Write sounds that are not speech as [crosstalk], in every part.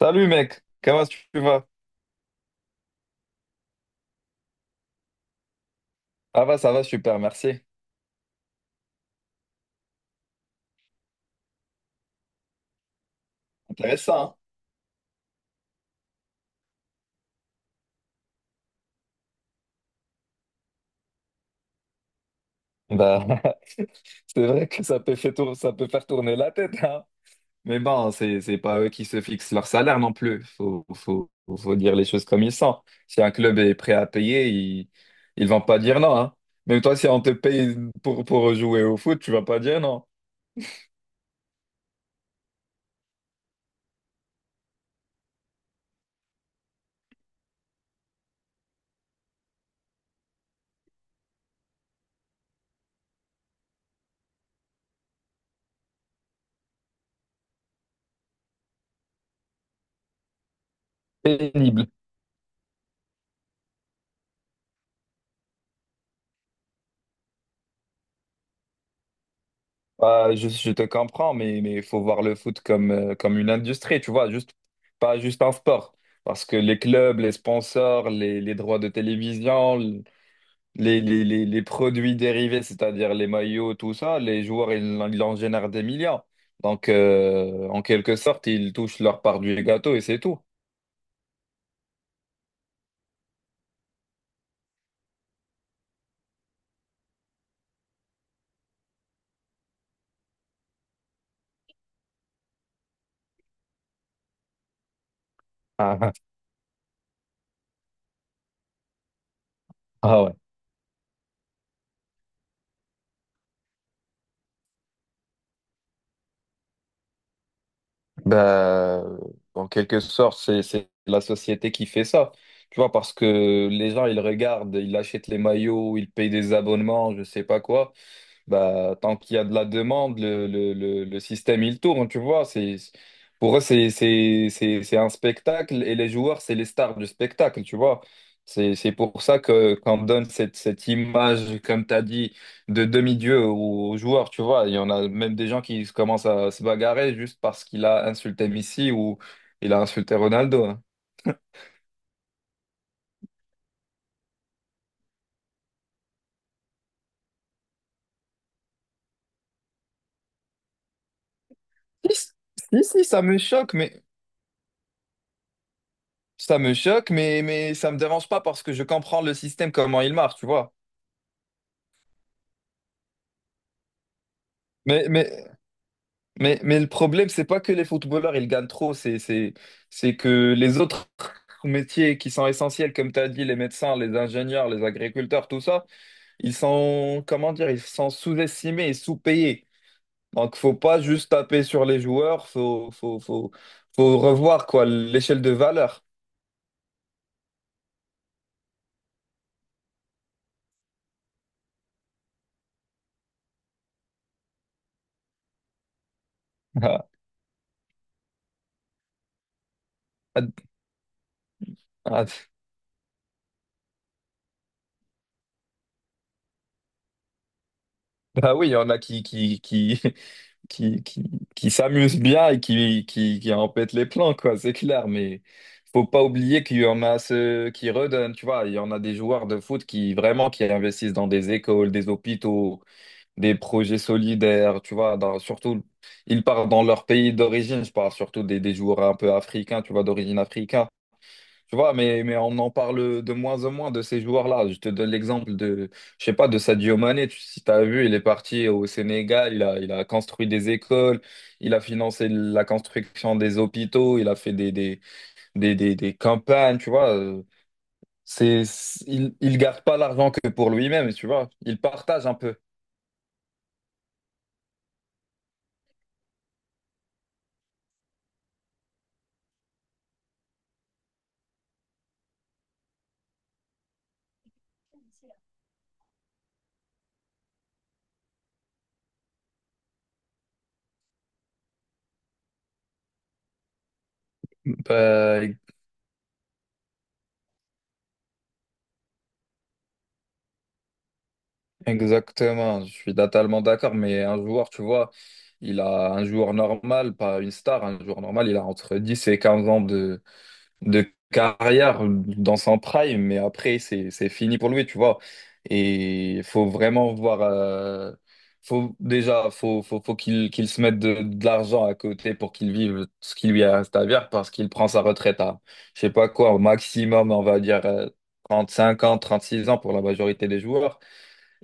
Salut mec, comment tu vas? Ah bah ça va super, merci. Intéressant. Hein, bah [laughs] c'est vrai que ça peut faire tourner la tête, hein. Mais bon, c'est pas eux qui se fixent leur salaire non plus. Faut dire les choses comme ils sont. Si un club est prêt à payer, ils vont pas dire non, hein. Même toi, si on te paye pour jouer au foot, tu vas pas dire non. Pénible. Bah, je te comprends, mais il faut voir le foot comme, comme une industrie, tu vois, juste, pas juste un sport. Parce que les clubs, les sponsors, les droits de télévision, les produits dérivés, c'est-à-dire les maillots, tout ça, les joueurs, ils en génèrent des millions. Donc, en quelque sorte, ils touchent leur part du gâteau et c'est tout. [laughs] Ah, ah. Bah, en quelque sorte, c'est la société qui fait ça. Tu vois, parce que les gens, ils regardent, ils achètent les maillots, ils payent des abonnements, je sais pas quoi. Bah, tant qu'il y a de la demande, le système, il tourne, tu vois. Pour eux, c'est un spectacle et les joueurs, c'est les stars du spectacle, tu vois. C'est pour ça que qu'on donne cette image, comme tu as dit de demi-dieu aux joueurs, tu vois. Il y en a même des gens qui se commencent à se bagarrer juste parce qu'il a insulté Messi ou il a insulté Ronaldo. Hein. Si, si, si, ça me choque, mais ça me choque, mais ça me dérange pas parce que je comprends le système, comment il marche, tu vois. Mais, mais, mais le problème, c'est pas que les footballeurs, ils gagnent trop, c'est que les autres métiers qui sont essentiels, comme tu as dit, les médecins, les ingénieurs, les agriculteurs, tout ça, ils sont, comment dire, ils sont sous-estimés et sous-payés. Donc, faut pas juste taper sur les joueurs, faut revoir quoi l'échelle de valeur. [laughs] Ah, ah, ah, bah oui, il y en a qui, [laughs] qui, qui, qui s'amusent bien et qui en pètent les plans, quoi, c'est clair, mais faut pas oublier qu'il y en a ceux qui redonnent, tu vois, il y en a des joueurs de foot qui vraiment qui investissent dans des écoles, des hôpitaux, des projets solidaires, tu vois, surtout ils partent dans leur pays d'origine, je parle surtout des, joueurs un peu africains, tu vois, d'origine africaine. Tu vois, mais on en parle de moins en moins de ces joueurs-là. Je te donne l'exemple de, je sais pas, de Sadio Mané. Si tu as vu, il est parti au Sénégal, il a construit des écoles, il a financé la construction des hôpitaux, il a fait des, des campagnes, tu vois. Il garde pas l'argent que pour lui-même, tu vois. Il partage un peu. Bah, exactement, je suis totalement d'accord, mais un joueur, tu vois, il a un joueur normal, pas une star, un joueur normal, il a entre 10 et 15 ans de carrière dans son prime, mais après, c'est fini pour lui, tu vois. Et il faut vraiment voir. Faut, déjà, faut qu'il se mette de l'argent à côté pour qu'il vive ce qui lui reste à vivre parce qu'il prend sa retraite à, je sais pas quoi, au maximum, on va dire 5 ans, 36 ans pour la majorité des joueurs.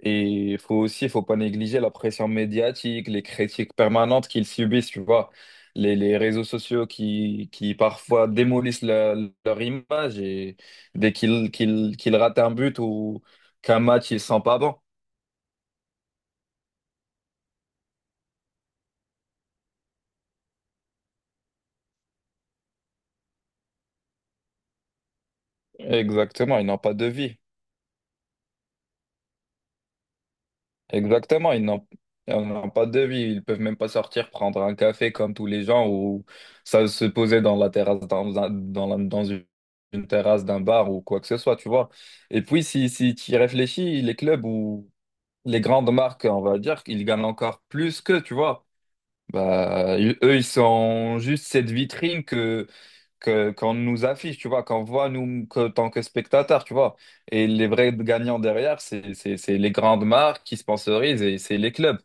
Et il faut aussi, il faut pas négliger la pression médiatique, les critiques permanentes qu'ils subissent, tu vois, les réseaux sociaux qui parfois démolissent leur image et dès qu'ils ratent un but ou qu'un match, ils sont pas bons. Exactement, ils n'ont pas de vie. Exactement, ils n'ont pas de vie, ils peuvent même pas sortir prendre un café comme tous les gens ou ça se poser dans la terrasse, dans, un- dans, la- dans une terrasse d'un bar ou quoi que ce soit, tu vois. Et puis, si tu y réfléchis, les clubs ou les grandes marques, on va dire, ils gagnent encore plus qu'eux, tu vois. Bah, eux, ils sont juste cette vitrine que qu'on nous affiche, tu vois, qu'on voit nous que, tant que spectateurs, tu vois. Et les vrais gagnants derrière, c'est les grandes marques qui sponsorisent et c'est les clubs.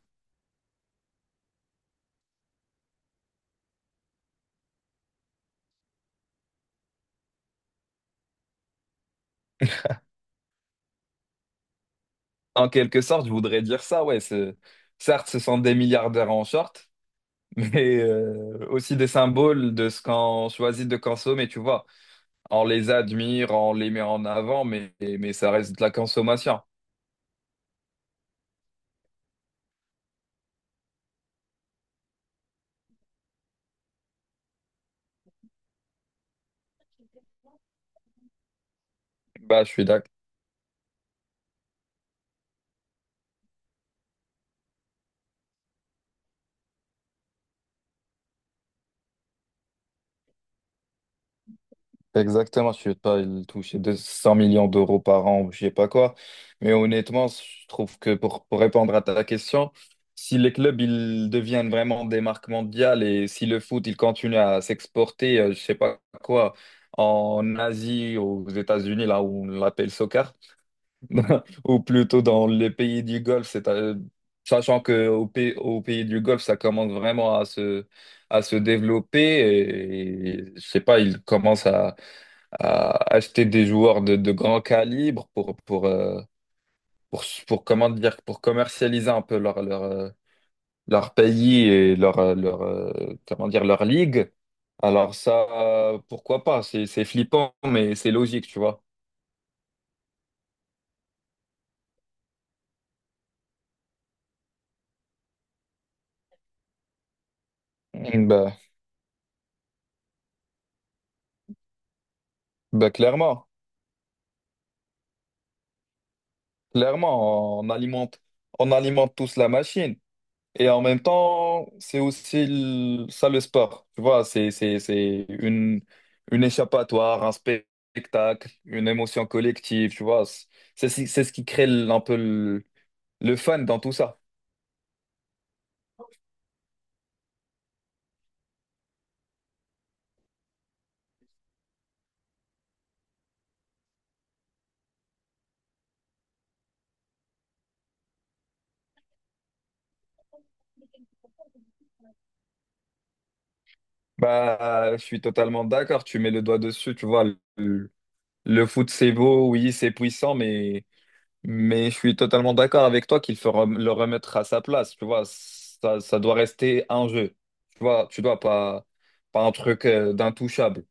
En quelque sorte, je voudrais dire ça, ouais. c'est- Certes, ce sont des milliardaires en short, [laughs] mais aussi des symboles de ce qu'on choisit de consommer, tu vois. On les admire, on les met en avant, mais ça reste de la consommation. Bah, je suis d'accord. Exactement, je ne vais pas il toucher 200 millions d'euros par an, ou je sais pas quoi. Mais honnêtement, je trouve que pour répondre à ta question, si les clubs ils deviennent vraiment des marques mondiales et si le foot il continue à s'exporter, je sais pas quoi, en Asie, aux États-Unis, là où on l'appelle soccer, [laughs] ou plutôt dans les pays du Golfe, sachant que au pays du Golfe, ça commence vraiment à se, développer et je sais pas, ils commencent à acheter des joueurs de grand calibre pour, comment dire, pour commercialiser un peu leur pays et leur, comment dire, leur ligue. Alors ça, pourquoi pas? C'est flippant, mais c'est logique, tu vois. Mm, Bah, bah, clairement, on alimente tous la machine. Et en même temps, c'est aussi ça le sport. Tu vois, c'est une échappatoire, un spectacle, une émotion collective. Tu vois, c'est ce qui crée un peu le fun dans tout ça. Bah, je suis totalement d'accord. Tu mets le doigt dessus. Tu vois, le, le foot, c'est beau, oui, c'est puissant, mais. Mais je suis totalement d'accord avec toi qu'il faut le remettre à sa place. Tu vois, ça doit rester un jeu. Tu vois, tu dois pas un truc d'intouchable.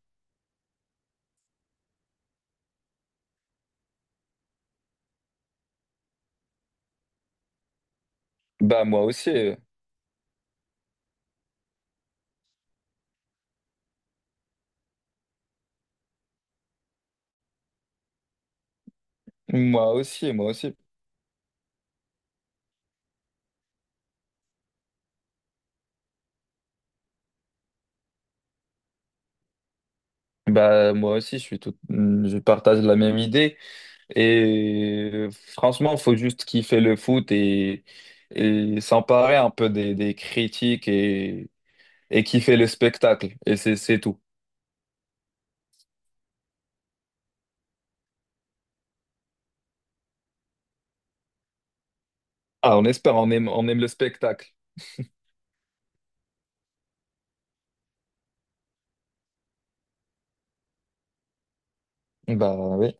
Bah, moi aussi. Moi aussi, moi aussi. Bah, moi aussi, je partage la même idée. Et franchement, faut juste kiffer le foot et, s'emparer un peu des, critiques et kiffer le spectacle. Et c'est tout. Ah, on espère, on aime le spectacle. Bah, oui.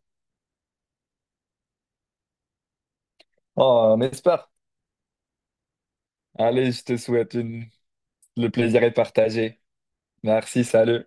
Oh, on espère. Allez, je te souhaite une... Le plaisir est partagé. Merci, salut.